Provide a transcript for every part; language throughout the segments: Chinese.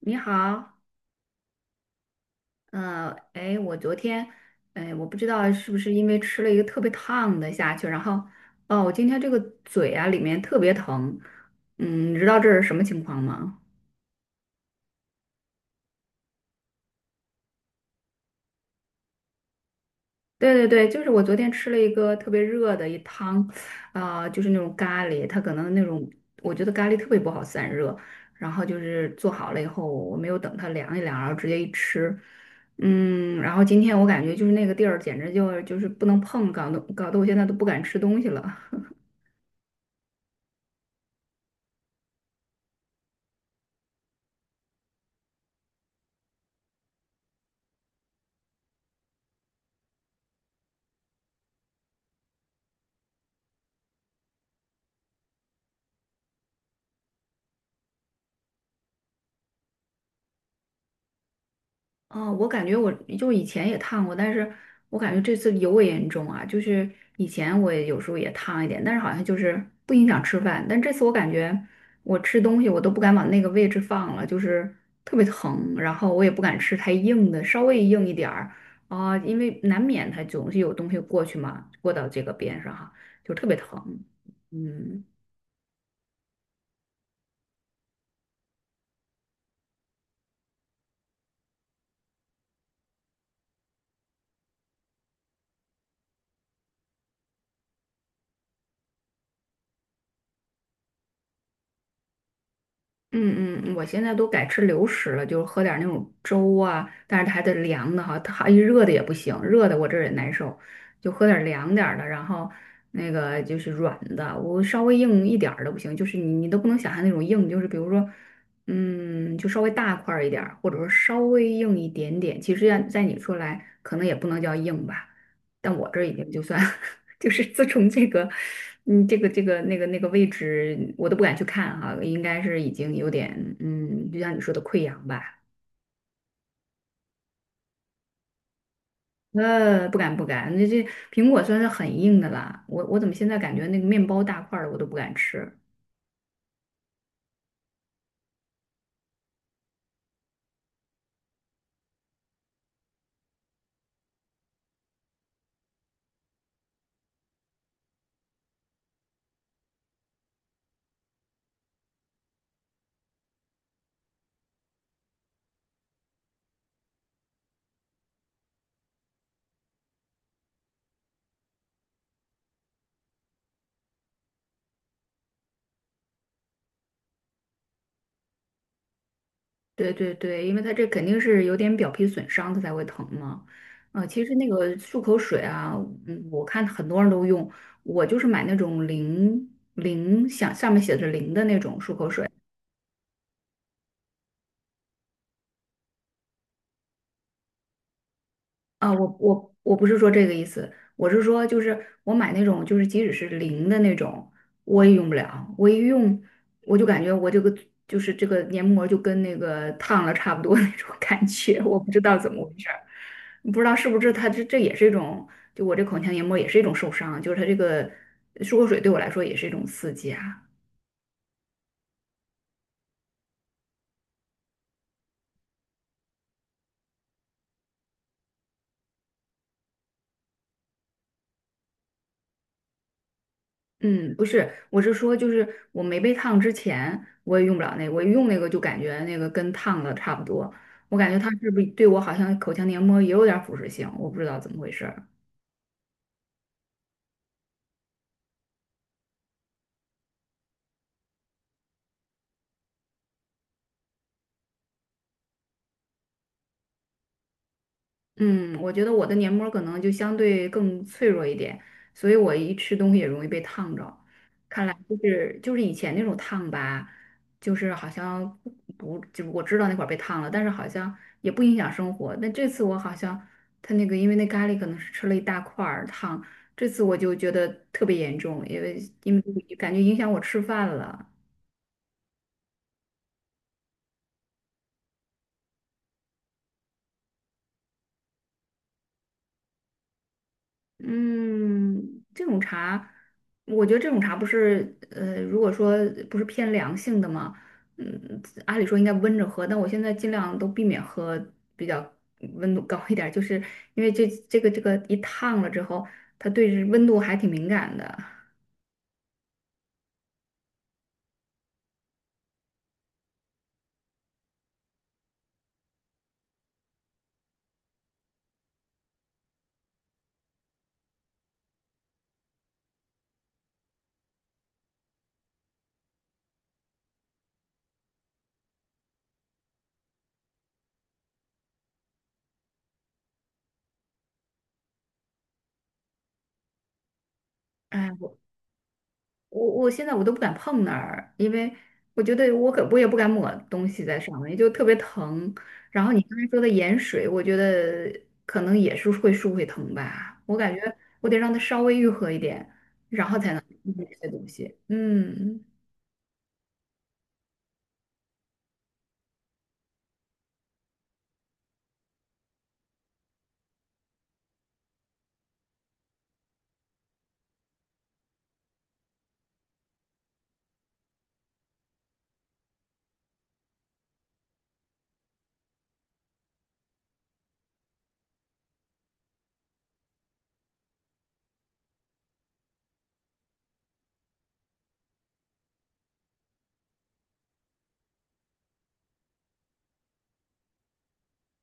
你好。我昨天，我不知道是不是因为吃了一个特别烫的下去，然后，哦，我今天这个嘴啊里面特别疼。你知道这是什么情况吗？对对对，就是我昨天吃了一个特别热的一汤，啊、就是那种咖喱，它可能那种我觉得咖喱特别不好散热，然后就是做好了以后，我没有等它凉一凉，然后直接一吃。然后今天我感觉就是那个地儿简直就是不能碰，搞得我现在都不敢吃东西了。啊，我感觉就以前也烫过，但是我感觉这次尤为严重啊。就是以前我也有时候也烫一点，但是好像就是不影响吃饭。但这次我感觉我吃东西都不敢往那个位置放了，就是特别疼，然后我也不敢吃太硬的，稍微硬一点儿啊，因为难免它总是有东西过去嘛，过到这个边上哈，就特别疼。嗯。嗯,我现在都改吃流食了，就是喝点儿那种粥啊，但是它还得凉的哈，它一热的也不行，热的我这儿也难受，就喝点儿凉点儿的，然后那个就是软的，我稍微硬一点儿的不行，就是你都不能想象那种硬，就是比如说，就稍微大块儿一点儿，或者说稍微硬一点点，其实在你说来可能也不能叫硬吧，但我这已经就算 就是自从这个，这个那个位置，我都不敢去看哈、应该是已经有点，嗯，就像你说的溃疡吧。不敢，那这苹果算是很硬的啦。我怎么现在感觉那个面包大块儿的我都不敢吃？对对对，因为它这肯定是有点表皮损伤，它才会疼嘛。啊、其实那个漱口水啊，我看很多人都用，我就是买那种零，想上面写着零的那种漱口水。啊，我不是说这个意思，我是说就是我买那种就是即使是零的那种，我也用不了，我一用我就感觉我这个就是这个黏膜就跟那个烫了差不多那种感觉，我不知道怎么回事儿，不知道是不是它这也是一种，就我这口腔黏膜也是一种受伤，就是它这个漱口水对我来说也是一种刺激啊。嗯，不是，我是说，就是我没被烫之前，我也用不了那个，我一用那个就感觉那个跟烫的差不多，我感觉它是不是对我好像口腔黏膜也有点儿腐蚀性，我不知道怎么回事。嗯，我觉得我的黏膜儿可能就相对更脆弱一点，所以我一吃东西也容易被烫着。看来就是以前那种烫吧，就是好像不，就是我知道那会儿被烫了，但是好像也不影响生活。但这次我好像他那个，因为那咖喱可能是吃了一大块儿烫，这次我就觉得特别严重，因为感觉影响我吃饭了。嗯，这种茶，我觉得这种茶不是，如果说不是偏凉性的嘛，嗯，按理说应该温着喝，但我现在尽量都避免喝比较温度高一点儿，就是因为这个一烫了之后，它对温度还挺敏感的。哎，我现在我都不敢碰那儿，因为我觉得我也不敢抹东西在上面，就特别疼。然后你刚才说的盐水，我觉得可能也是会疼吧，我感觉我得让它稍微愈合一点，然后才能用这些东西。嗯。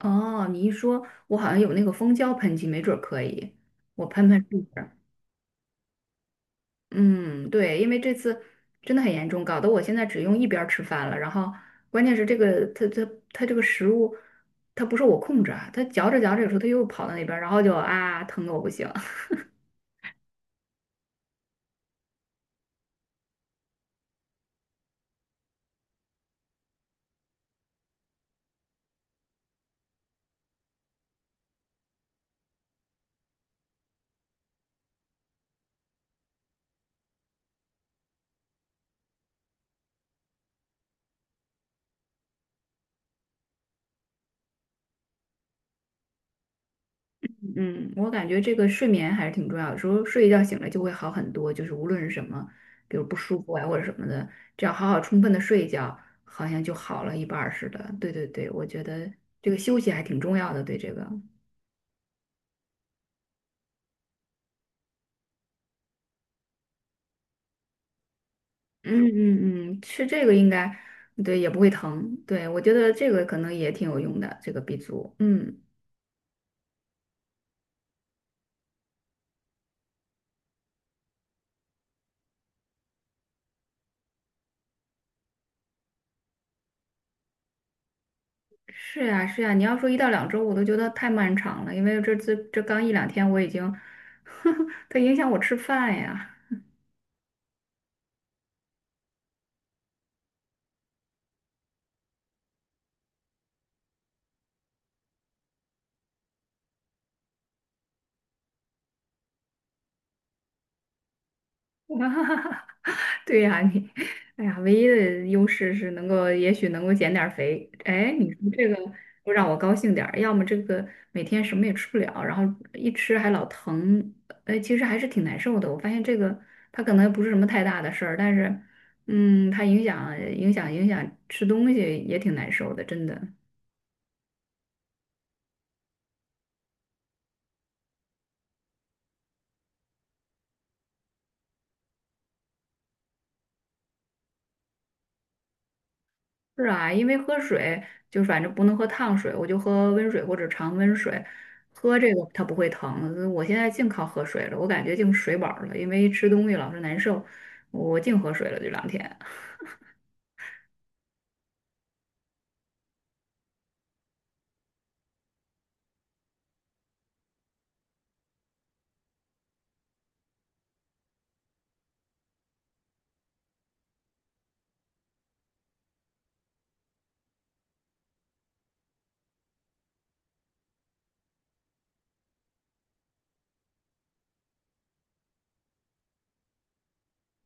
哦，你一说，我好像有那个蜂胶喷剂，没准儿可以，我喷喷试试。嗯，对，因为这次真的很严重，搞得我现在只用一边儿吃饭了。然后关键是这个，它这个食物，它不受我控制啊，它嚼着嚼着，有时候它又跑到那边儿，然后就啊疼得我不行。嗯，我感觉这个睡眠还是挺重要的，有时候睡一觉醒来就会好很多，就是无论是什么，比如不舒服啊或者什么的，只要好好充分的睡一觉，好像就好了一半儿似的。对对对，我觉得这个休息还挺重要的，对这个。嗯，吃这个应该对也不会疼，对我觉得这个可能也挺有用的，这个 B 族。嗯，是呀是呀，你要说一到两周，我都觉得太漫长了，因为这刚一两天我已经，它影响我吃饭呀，对呀，你，哎呀，唯一的优势是能够，也许能够减点儿肥。哎，你说这个不让我高兴点儿，要么这个每天什么也吃不了，然后一吃还老疼，哎，其实还是挺难受的。我发现这个它可能不是什么太大的事儿，但是，嗯，它影响吃东西也挺难受的，真的。是啊，因为喝水就反正不能喝烫水，我就喝温水或者常温水，喝这个它不会疼。我现在净靠喝水了，我感觉净水饱了，因为吃东西老是难受，我净喝水了这两天。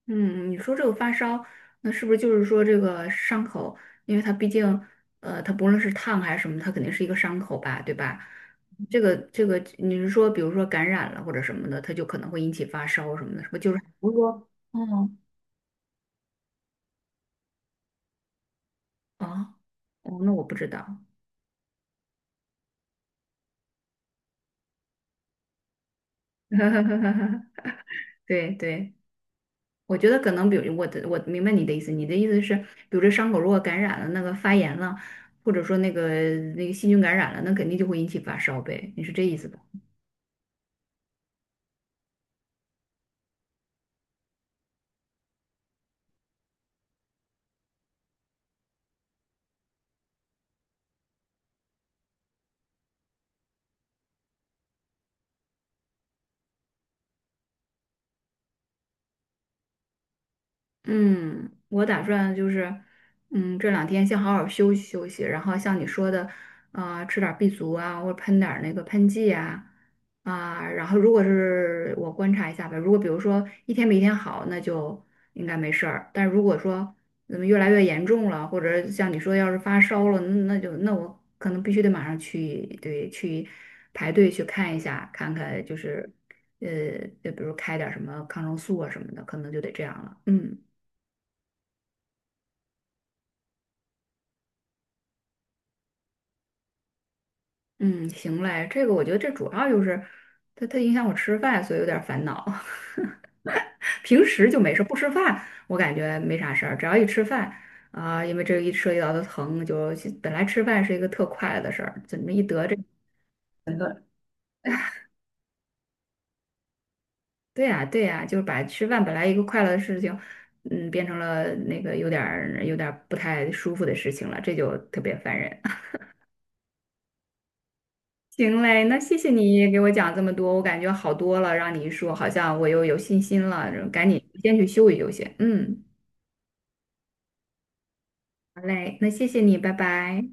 嗯，你说这个发烧，那是不是就是说这个伤口，因为它毕竟它不论是烫还是什么，它肯定是一个伤口吧，对吧？这个，你是说比如说感染了或者什么的，它就可能会引起发烧什么的，是不是就是？哦，啊，哦，那我不知道。哈，对对，我觉得可能，比如我的我明白你的意思，你的意思是，比如这伤口如果感染了，那个发炎了，或者说那个细菌感染了，那肯定就会引起发烧呗，你是这意思吧？嗯，我打算就是，嗯，这两天先好好休息休息，然后像你说的，啊，吃点儿 B 族啊，或者喷点儿那个喷剂啊，啊，然后如果是我观察一下吧，如果比如说一天比一天好，那就应该没事儿。但如果说怎么越来越严重了，或者像你说要是发烧了，那我可能必须得马上去，对，去排队去看一下，看看就是，呃，就比如开点儿什么抗生素啊什么的，可能就得这样了。嗯，嗯，行嘞，这个我觉得这主要就是它影响我吃饭，所以有点烦恼。平时就没事，不吃饭我感觉没啥事儿，只要一吃饭啊、因为这一涉及到的疼，就本来吃饭是一个特快乐的事儿，怎么一得这？对呀、对呀、就是把吃饭本来一个快乐的事情，嗯，变成了那个有点儿不太舒服的事情了，这就特别烦人。行嘞，那谢谢你给我讲这么多，我感觉好多了，让你一说，好像我又有信心了，赶紧先去休息休息。嗯，好嘞，那谢谢你，拜拜。